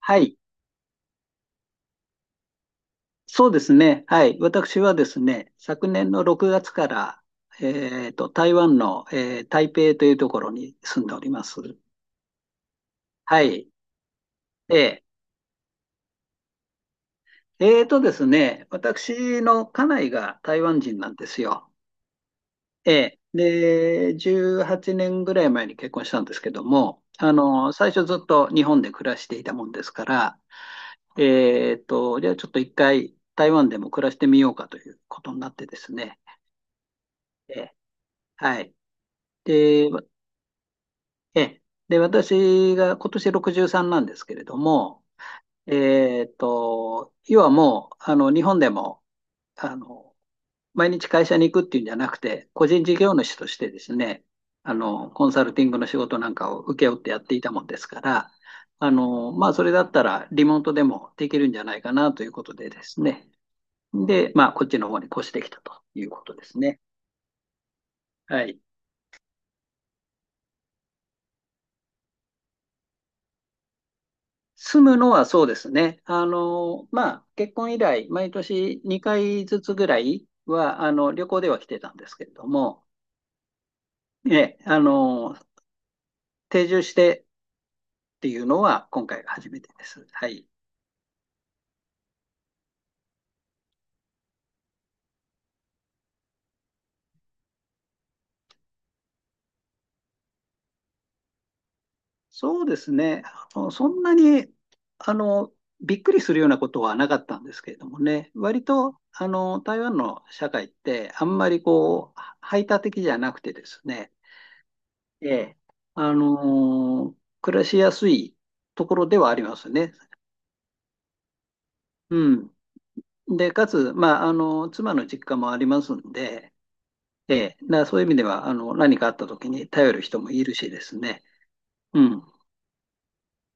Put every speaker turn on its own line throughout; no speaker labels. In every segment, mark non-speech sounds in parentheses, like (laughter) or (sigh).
はい。そうですね。はい。私はですね、昨年の6月から、台湾の、台北というところに住んでおります。はい。えー、えーとですね、私の家内が台湾人なんですよ。で、18年ぐらい前に結婚したんですけども、最初ずっと日本で暮らしていたもんですから、じゃあちょっと1回台湾でも暮らしてみようかということになってですね。えーはい。で、ええ。で、私が今年63なんですけれども、要はもう、日本でも、あの、毎日会社に行くっていうんじゃなくて、個人事業主としてですね、コンサルティングの仕事なんかを請け負ってやっていたもんですから、まあ、それだったらリモートでもできるんじゃないかなということでですね。で、まあ、こっちの方に越してきたということですね。はい。住むのはそうですね。まあ、結婚以来、毎年2回ずつぐらいは、旅行では来てたんですけれども、ええ、定住してっていうのは今回が初めてです。はい。そうですね。そんなに、あの、びっくりするようなことはなかったんですけれどもね、割と、台湾の社会ってあんまりこう、排他的じゃなくてですね、ええ、暮らしやすいところではありますね。うん。で、かつ、まあ、妻の実家もありますんで、ええ、そういう意味では、何かあった時に頼る人もいるしですね。うん。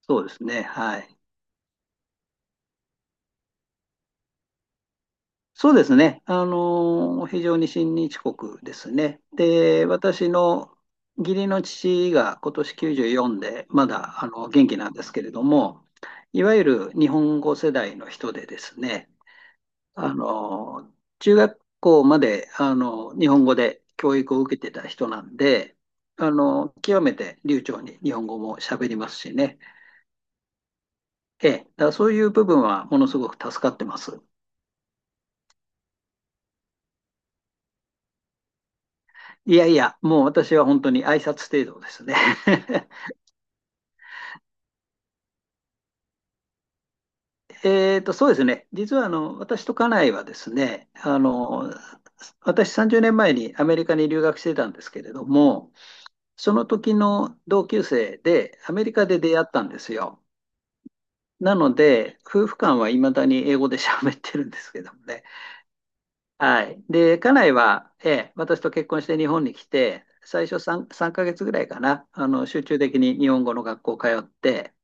そうですね。はい。そうですね。非常に親日国ですね。で、私の義理の父が今年94で、まだ、元気なんですけれども、いわゆる日本語世代の人でですね、あの、中学校まで、日本語で教育を受けてた人なんで、極めて流暢に日本語も喋りますしね。ええ、だからそういう部分はものすごく助かってます。いやいや、もう私は本当に挨拶程度ですね。(laughs) そうですね。実は、私と家内はですね、私30年前にアメリカに留学してたんですけれども、その時の同級生でアメリカで出会ったんですよ。なので、夫婦間はいまだに英語で喋ってるんですけどもね。はい。で、家内は、ええ、私と結婚して日本に来て、最初 3ヶ月ぐらいかな、集中的に日本語の学校通って、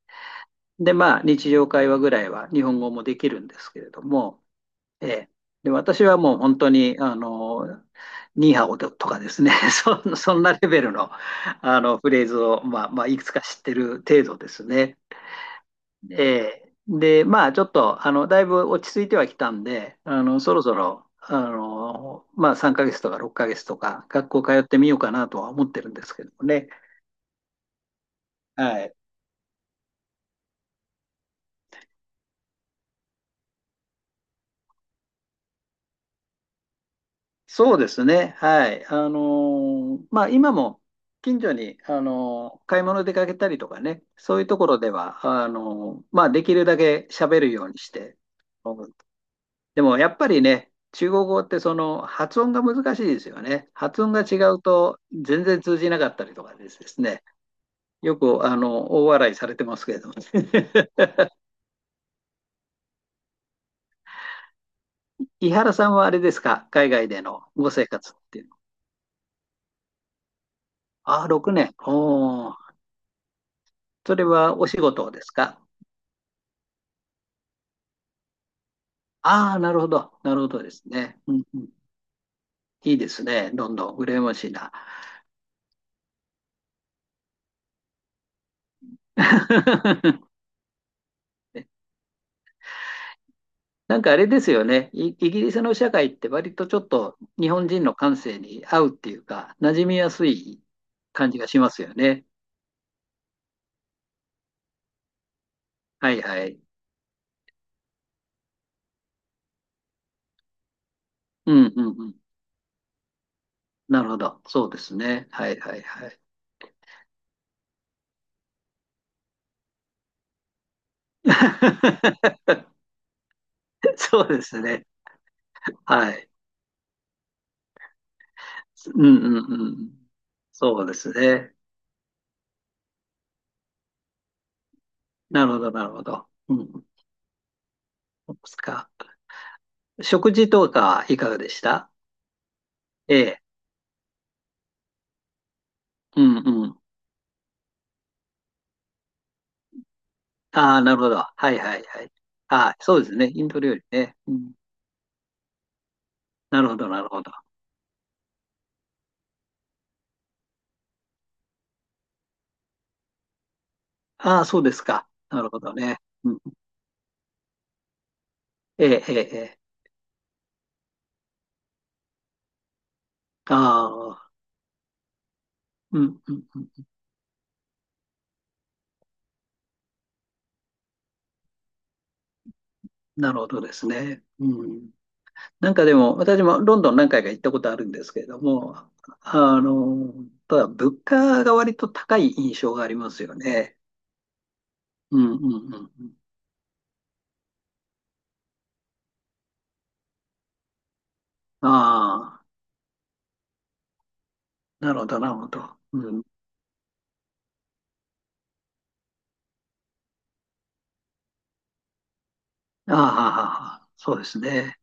で、まあ、日常会話ぐらいは日本語もできるんですけれども、ええ、で、私はもう本当に、ニーハオとかですね、(laughs) そんなレベルの、フレーズを、まあ、まあ、いくつか知ってる程度ですね。で、まあ、ちょっと、だいぶ落ち着いてはきたんで、そろそろ、まあ、3ヶ月とか6ヶ月とか、学校通ってみようかなとは思ってるんですけどもね。はい。そうですね。はい。まあ、今も、近所に、買い物出かけたりとかね、そういうところでは、まあ、できるだけ喋るようにして、でもやっぱりね、中国語ってその発音が難しいですよね。発音が違うと全然通じなかったりとかですね。よく大笑いされてますけれども、ね、(laughs) 井原さんはあれですか、海外でのご生活っていうの。ああ、6年。おお、それはお仕事ですか？ああ、なるほど、なるほどですね。うんうん、いいですね、どんどん羨ましいな。(laughs) なんかあれですよね。イギリスの社会って割とちょっと日本人の感性に合うっていうか、馴染みやすい感じがしますよね。はいはい。うんうんうん。なるほど。そうですね。はいはいはい。(laughs) そうですね。はい。うんうんうん。そうですね。なるほどなるほど。うん。そうですか。食事とかいかがでした？ええ。うんうん。ああ、なるほど。はいはいはい。ああ、そうですね。インド料理ね。うん。なるほど、なるほど。ああ、そうですか。なるほどね。うん、ええ、ええ、ええ。ああ、うん、うん、うん。なるほどですね。うん。なんかでも、私もロンドン何回か行ったことあるんですけれども、あの、ただ物価が割と高い印象がありますよね。うん、うん、うん。うん。ああ、なるほど、なるほど。うん。ああ、ああああ、そうですね。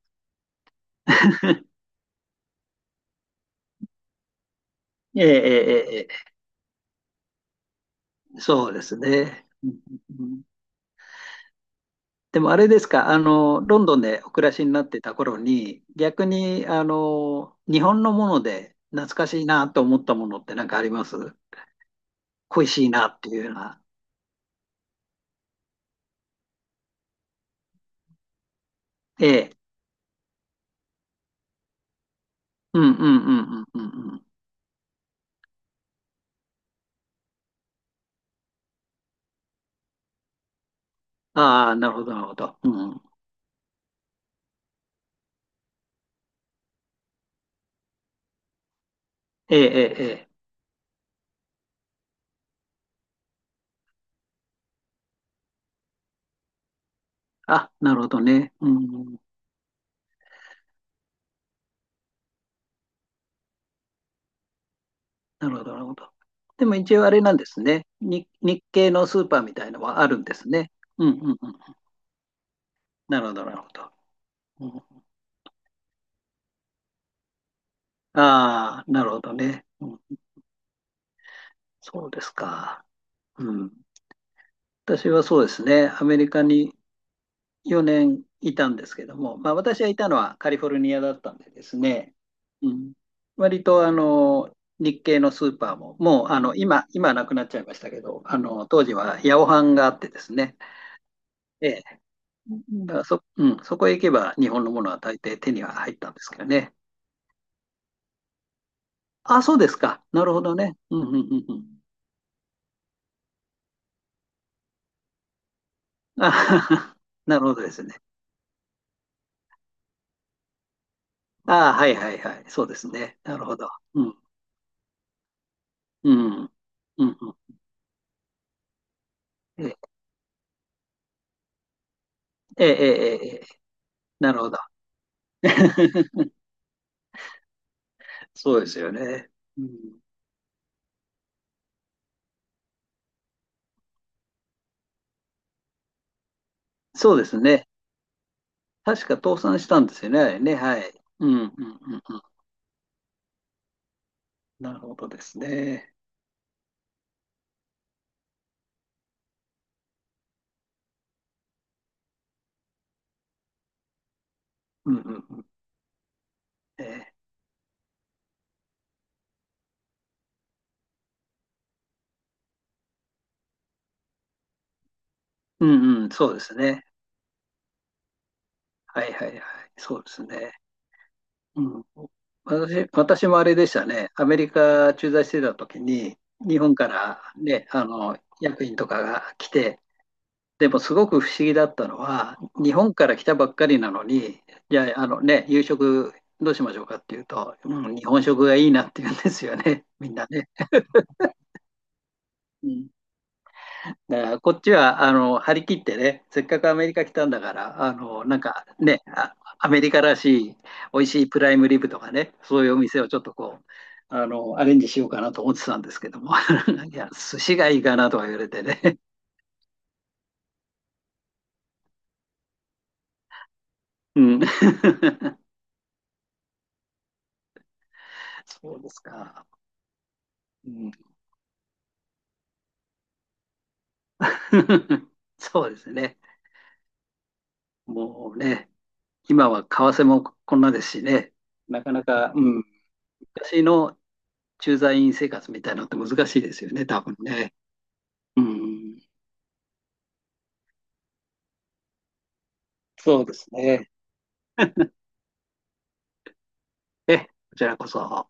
(laughs) ええ、ええ、ええ。そうですね。うんうんうん。でもあれですか、ロンドンでお暮らしになってた頃に、逆に、日本のもので懐かしいなと思ったものって何かあります？恋しいなっていうような。ええ。うんうんうんうんうんうん。ああ、なるほど、なるほど。うん。ええ、ええ、ええ。あ、なるほどね。うん。なるほど、なるほど。でも一応あれなんですね。日系のスーパーみたいのはあるんですね。うんうんうん。なるほど、なるほど。うん、ああ、なるほどね。うん、そうですか。うん、私はそうですね、アメリカに4年いたんですけども、まあ、私がいたのはカリフォルニアだったんでですね、うん、割と日系のスーパーも、もう今はなくなっちゃいましたけど、当時はヤオハンがあってですね、ええ、だからうん、そこへ行けば日本のものは大抵手には入ったんですけどね。あ、そうですか、なるほどね。うんうんうんうん、あ (laughs) なるほどですね。ああ、はいはいはい、そうですね、なるほど。うんうん。うん。うん。ええ、ええ、ええ、なるほど。(laughs) そうですよね。うん。そうですね。確か倒産したんですよね、あれね。はい。うん、うん、うん、うん。なるほどですね。うん、うん、うん。ええ、うん、うん、そうですね。はい、はい、はい。そうですね。うん。私もあれでしたね。アメリカ駐在してた時に、日本からね、役員とかが来て、でもすごく不思議だったのは、日本から来たばっかりなのに、じゃあ、夕食どうしましょうかっていうと、うん、日本食がいいなって言うんですよね、(laughs) みんなね。うん、だからこっちは張り切ってね、せっかくアメリカ来たんだから、アメリカらしい美味しいプライムリブとかね、そういうお店をちょっとこう、アレンジしようかなと思ってたんですけども、(laughs) いや、寿司がいいかなとか言われてね。うん、(laughs) そうですか。うん (laughs) そうですね。もうね、今は為替もこんなですしね、なかなか、うん、昔の駐在員生活みたいなのって難しいですよね、多分ね。うん、そうですね。こちらこそ。